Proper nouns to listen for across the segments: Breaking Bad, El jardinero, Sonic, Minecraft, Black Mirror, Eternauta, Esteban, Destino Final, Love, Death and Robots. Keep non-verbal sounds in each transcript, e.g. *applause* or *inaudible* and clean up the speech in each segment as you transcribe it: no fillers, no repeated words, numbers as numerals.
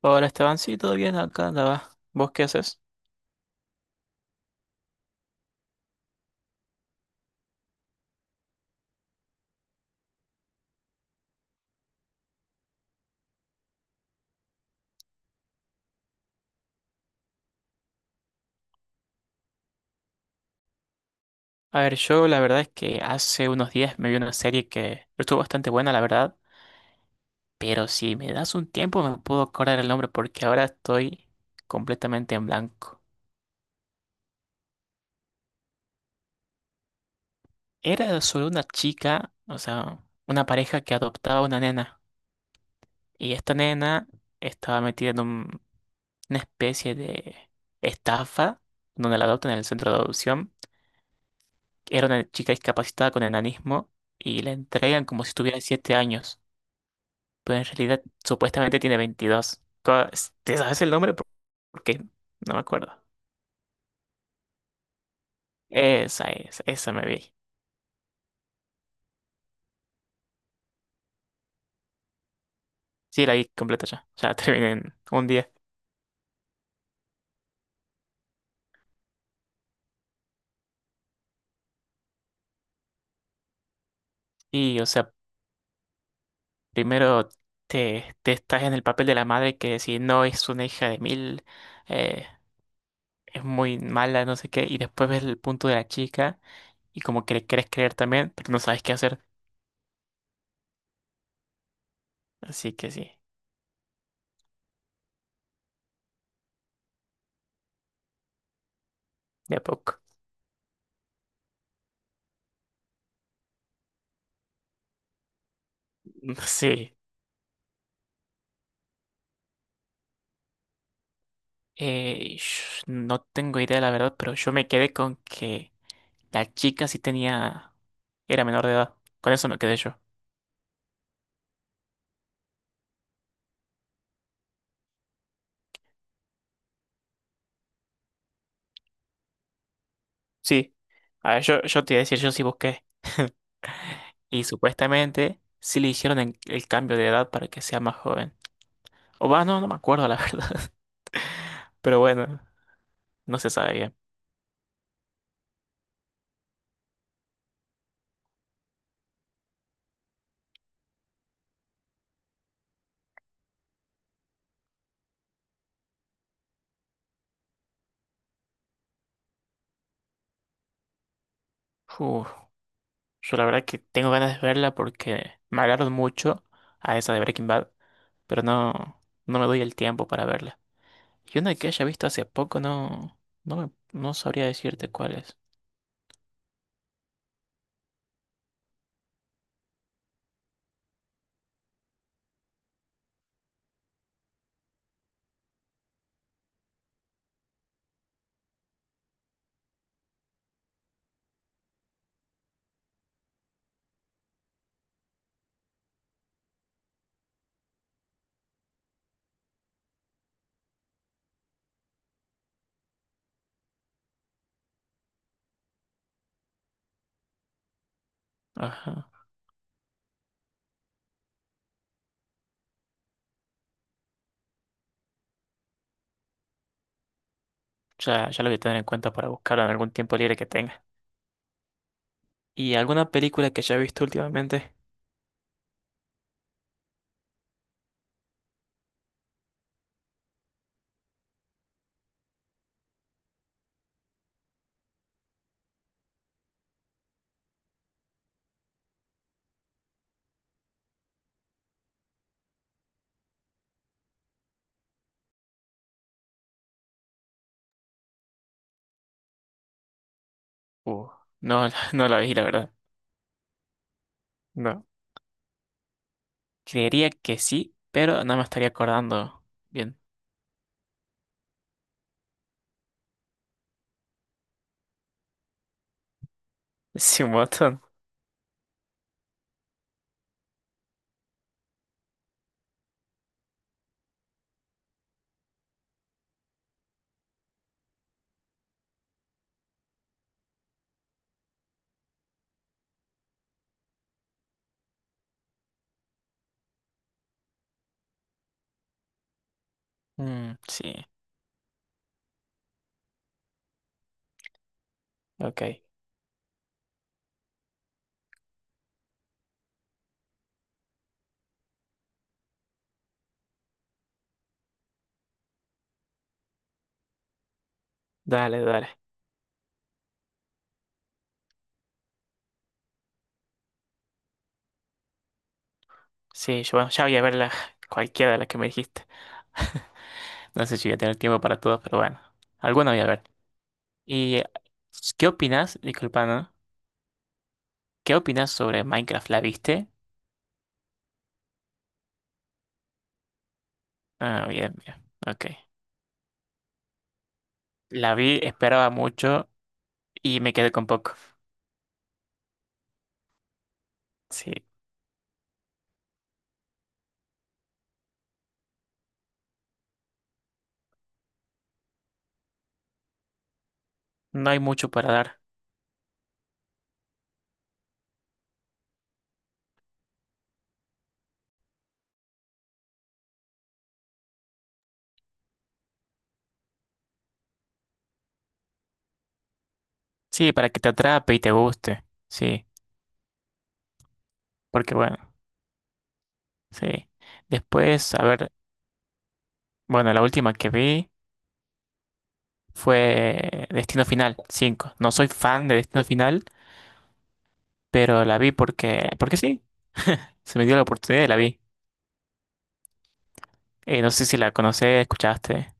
Hola Esteban, sí, todo bien, acá andaba. ¿Vos qué haces? A ver, yo la verdad es que hace unos días me vi una serie que estuvo bastante buena, la verdad, pero si me das un tiempo me puedo acordar el nombre porque ahora estoy completamente en blanco. Era sobre una chica, o sea, una pareja que adoptaba una nena y esta nena estaba metida en una especie de estafa donde la adoptan en el centro de adopción. Era una chica discapacitada con enanismo y la entregan como si tuviera 7 años, pero en realidad supuestamente tiene 22 ¿Te sabes el nombre? Porque no me acuerdo. Esa es, esa me vi. Sí, la vi completa ya. Ya *laughs* terminé en un día. Y, o sea, primero te estás en el papel de la madre que si no es una hija de mil, eh, es muy mala, no sé qué. Y después ves el punto de la chica y como que le querés creer también, pero no sabes qué hacer. Así que sí, de a poco. *laughs* Sí. No tengo idea, la verdad, pero yo me quedé con que la chica sí tenía, era menor de edad. Con eso me quedé yo. Sí. A ver, yo te iba a decir, yo sí busqué. Y supuestamente sí le hicieron el cambio de edad para que sea más joven. O va, no, no me acuerdo la *laughs* verdad. Pero bueno, no se sabe bien. Uf, yo la verdad que tengo ganas de verla porque me hablaron mucho a esa de Breaking Bad, pero no me doy el tiempo para verla. Y una que haya visto hace poco no sabría decirte cuál es. Ajá. Ya, ya lo voy a tener en cuenta para buscarla en algún tiempo libre que tenga. ¿Y alguna película que haya visto últimamente? Uh, no, *laughs* no la vi, la verdad. No. Creería que sí, pero no me estaría acordando bien. *laughs* Sí, un montón. Mm, sí, ok. Dale, dale. Sí, yo bueno, ya voy a ver *laughs* cualquiera de las que me dijiste. *laughs* No sé si voy a tener tiempo para todas, pero bueno. Alguna voy a ver. ¿Y qué opinas? Disculpa, ¿no? ¿Qué opinas sobre Minecraft? ¿La viste? Ah, bien, bien. Ok. La vi, esperaba mucho y me quedé con poco. Sí. No hay mucho para dar. Sí, para que te atrape y te guste. Sí, porque bueno, sí. Después, a ver, bueno, la última que vi fue Destino Final 5. No soy fan de Destino Final, pero la vi porque, sí. *laughs* Se me dio la oportunidad y la vi. No sé si la conoces, escuchaste.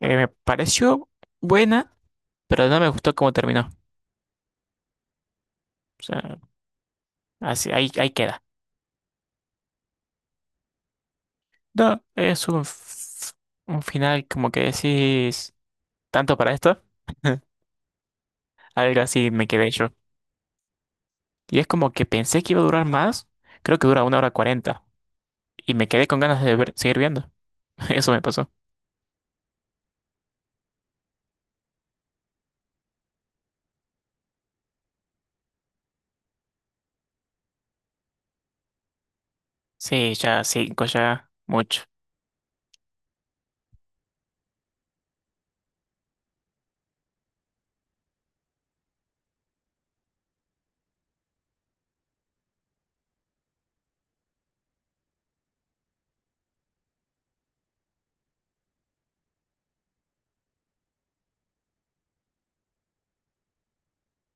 Me pareció buena, pero no me gustó cómo terminó. O sea, así, ahí queda. No, es un final como que decís, ¿tanto para esto? *laughs* Algo así me quedé yo. Y es como que pensé que iba a durar más. Creo que dura una hora 40. Y me quedé con ganas de seguir viendo. *laughs* Eso me pasó. Sí, ya 5, ya mucho.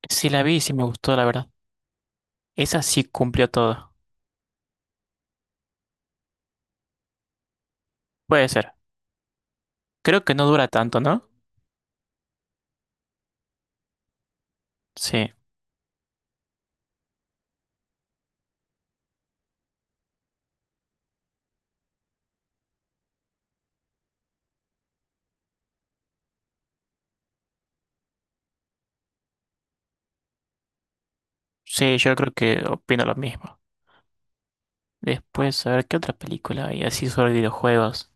Sí la vi y sí me gustó, la verdad. Esa sí cumplió todo. Puede ser. Creo que no dura tanto, ¿no? Sí. Sí, yo creo que opino lo mismo. Después, a ver, ¿qué otra película hay así sobre videojuegos?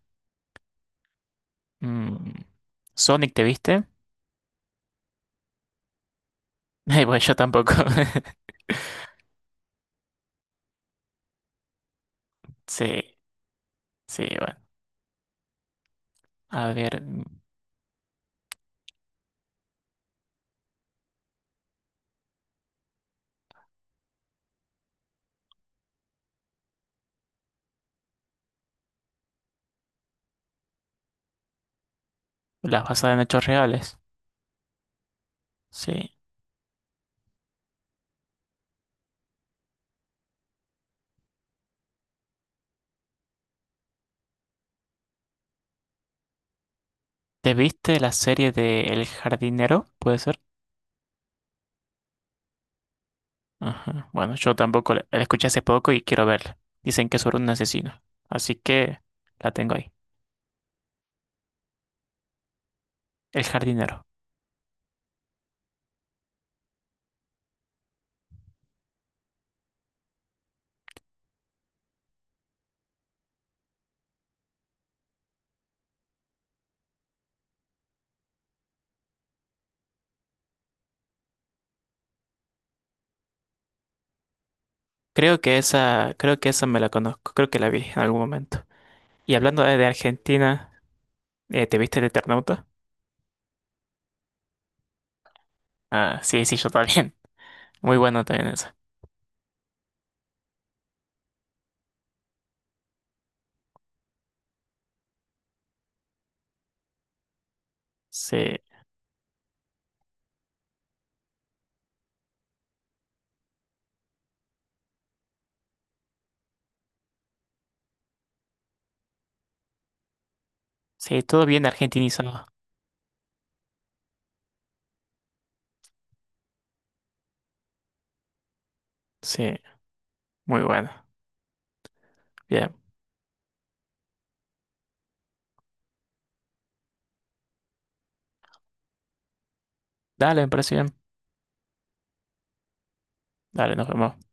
Mm, ¿Sonic te viste? *laughs* Bueno, yo tampoco. *laughs* Sí, sí, bueno. A ver, las basadas en hechos reales. Sí. ¿Te viste la serie de El jardinero? ¿Puede ser? Ajá. Bueno, yo tampoco la escuché hace poco y quiero verla. Dicen que es sobre un asesino. Así que la tengo ahí. El jardinero. Creo que esa me la conozco. Creo que la vi en algún momento. Y hablando de Argentina, ¿te viste el Eternauta? Ah, sí, sí, yo también. *laughs* Muy bueno también esa. Sí. Sí, todo bien argentinizado. Sí, muy bueno. Bien. Dale, me parece bien. Dale, nos vemos.